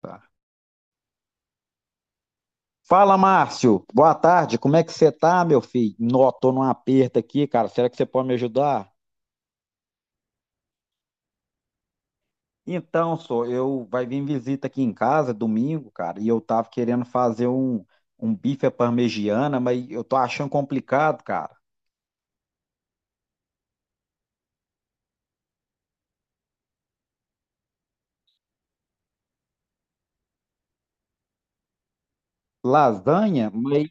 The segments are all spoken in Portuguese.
Tá. Fala, Márcio. Boa tarde. Como é que você tá, meu filho? Nó, tô num aperto aqui, cara. Será que você pode me ajudar? Então, só eu vai vir visita aqui em casa domingo, cara, e eu tava querendo fazer um bife à parmegiana, mas eu tô achando complicado, cara. Lasanha, mas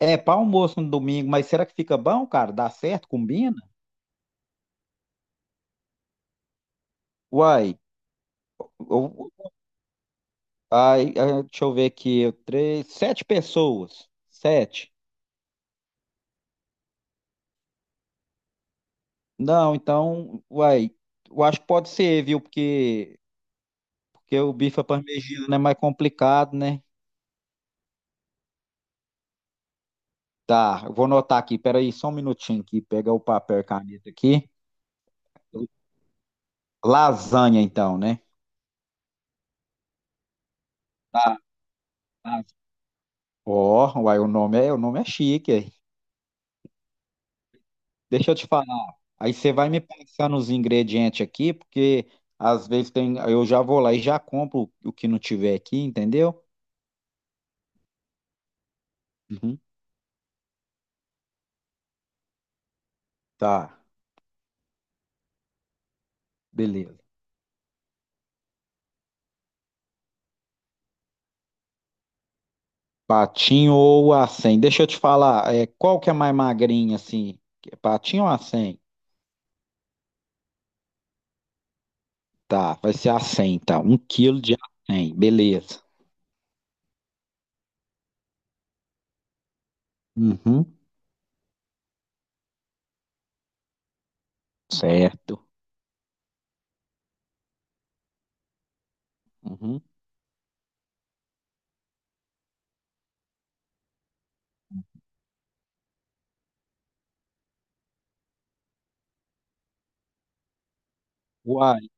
é para almoço no domingo, mas será que fica bom, cara? Dá certo? Combina? Uai, eu, ai, ai, deixa eu ver aqui. Três, sete pessoas. Sete. Não, então, uai, eu acho que pode ser, viu? Porque o bife à parmegiana é mais complicado, né? Tá, eu vou anotar aqui, peraí, só um minutinho aqui, pegar o papel e caneta aqui. Lasanha, então, né? Tá, tá. Ó, uai, o nome é chique. Aí. Deixa eu te falar. Aí você vai me passar nos ingredientes aqui, porque às vezes tem, eu já vou lá e já compro o que não tiver aqui, entendeu? Uhum. Tá, beleza. Patinho ou acém? Deixa eu te falar, é, qual que é mais magrinha, assim? Patinho ou acém? Tá, vai ser acém, então. 1 quilo de acém, beleza. Uhum, certo. Uhum. Uai,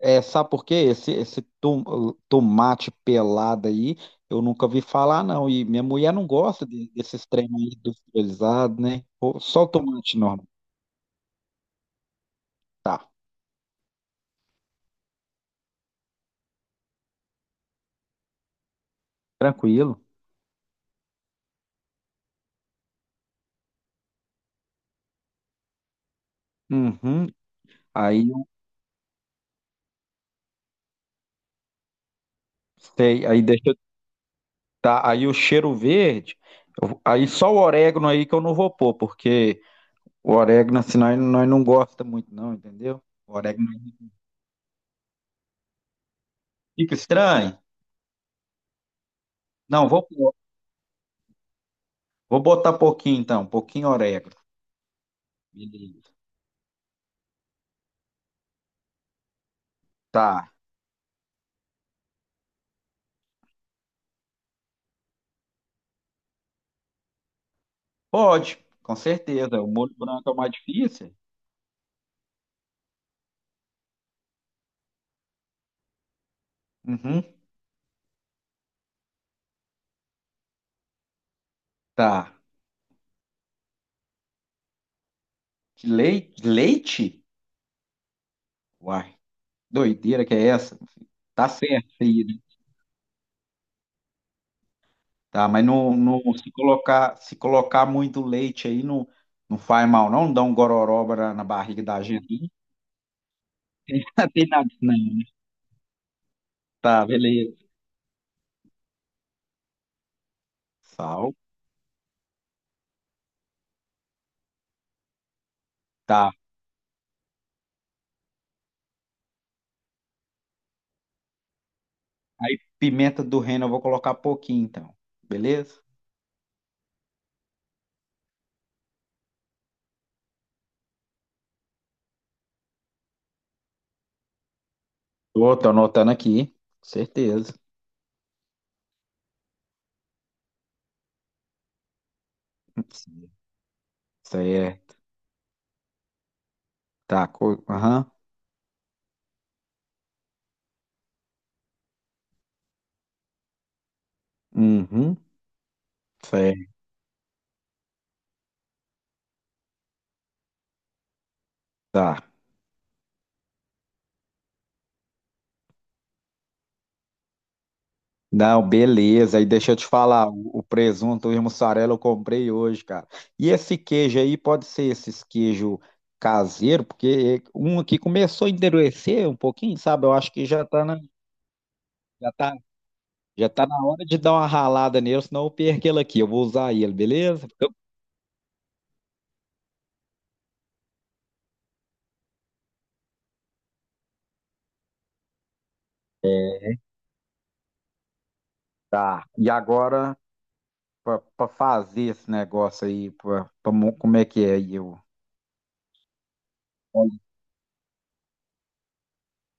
é, sabe por quê? Esse tomate pelado aí, eu nunca vi falar, não. E minha mulher não gosta desses trem aí industrializados, né? Pô, só o tomate normal. Tá, tranquilo. Uhum. Aí, eu sei, aí deixa tá? Aí o cheiro verde, aí só o orégano aí que eu não vou pôr, porque o orégano assim nós não gosta muito não, entendeu? O orégano fica estranho. Não, vou pôr. Vou botar pouquinho então, pouquinho orégano. Beleza. Tá. Pode, com certeza. O molho branco é o mais difícil. Uhum. Tá. De leite? Leite? Uai, doideira que é essa? Tá certo, filho. Tá? Mas não, se colocar muito leite aí, não, não faz mal, não? Não dá um gororoba na barriga da gente. Tem nada disso, não. Tá, beleza. Sal, tá. Aí pimenta do reino eu vou colocar pouquinho, então. Beleza? Tô anotando aqui. Certeza. Isso aí é. Tá, aham. Uhum. Isso aí, tá. Não, beleza. E deixa eu te falar, o presunto e mussarela eu comprei hoje, cara. E esse queijo aí pode ser esses queijo caseiro, porque um aqui começou a endurecer um pouquinho, sabe? Eu acho que já tá, já tá na hora de dar uma ralada nele, senão eu perco ele aqui. Eu vou usar ele, beleza? Tá. E agora, pra fazer esse negócio aí, como é que é aí? Eu...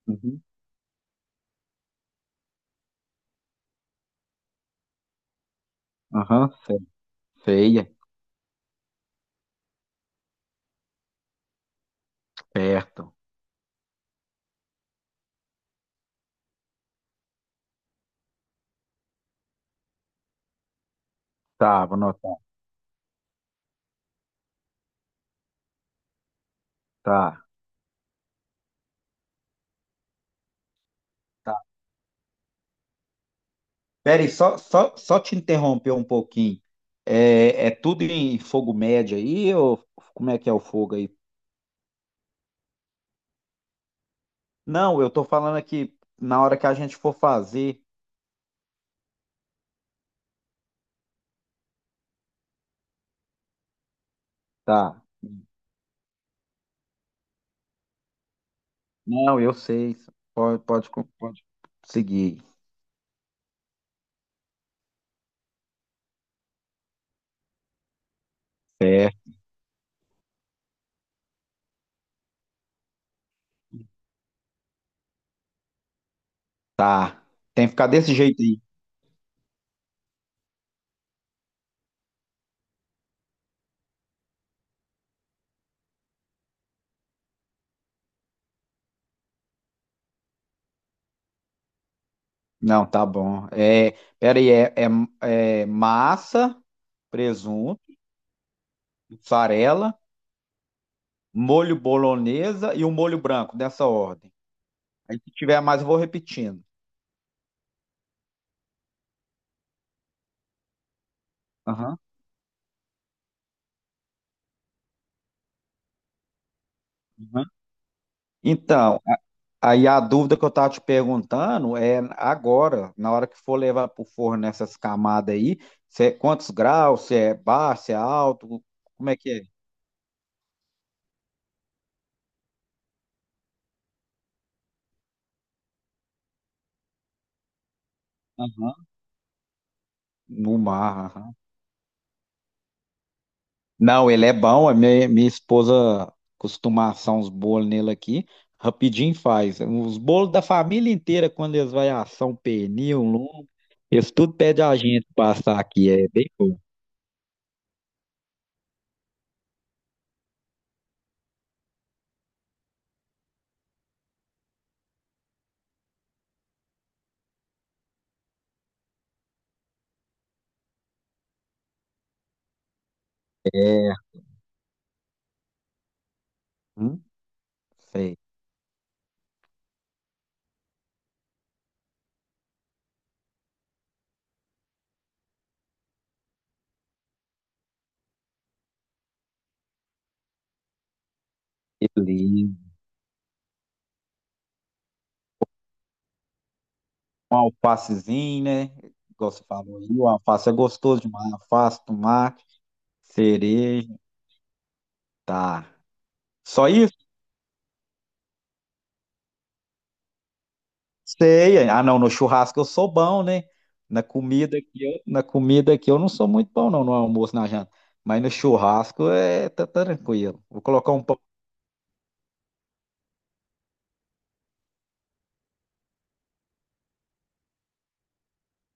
Uhum. Aham, feia, certo. Tá, vou anotar. Tá. Peraí, só te interromper um pouquinho. É tudo em fogo médio aí, ou como é que é o fogo aí? Não, eu tô falando aqui na hora que a gente for fazer. Tá. Não, eu sei. Pode seguir. É, tá. Tem que ficar desse jeito aí. Não, tá bom. É, peraí, é massa, presunto, mussarela, molho bolonhesa e o molho branco, dessa ordem. Aí se tiver mais, eu vou repetindo. Aham. Então, aí a dúvida que eu estava te perguntando é agora, na hora que for levar para o forno essas camadas aí, se é quantos graus, se é baixo, se é alto, como é que é? Aham. No mar. Aham. Não, ele é bom, a minha, minha esposa costuma assar uns bolos nele aqui, rapidinho faz. Os bolos da família inteira, quando eles vão assar um pernil, um lombo, eles tudo pedem a gente passar aqui, é bem bom. Hum, sei, beleza. Um alfacezinho, né? Igual você falou aí, o alface é gostoso demais. Alface, tomate, cereja, tá. Só isso? Sei. Ah, não, no churrasco eu sou bom, né? Na comida aqui, na comida aqui eu não sou muito bom, não, no almoço, na janta. Mas no churrasco é tá tranquilo. Vou colocar um pão.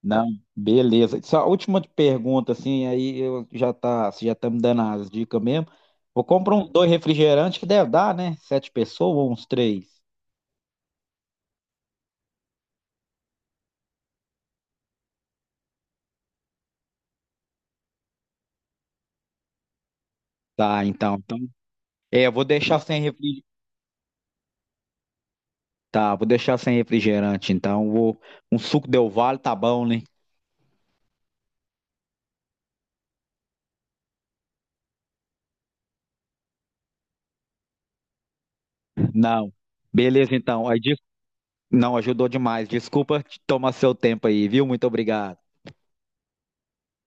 Não, beleza. Só a última pergunta, assim, aí eu já tá, você já tá me dando as dicas mesmo. Vou comprar um dois refrigerantes que deve dar, né? Sete pessoas ou uns três? Tá, então. É, eu vou deixar sem refrigerante. Tá, vou deixar sem refrigerante, então. Um suco Del Valle tá bom, né? Não. Beleza, então. Aí, não, ajudou demais. Desculpa te tomar seu tempo aí, viu? Muito obrigado.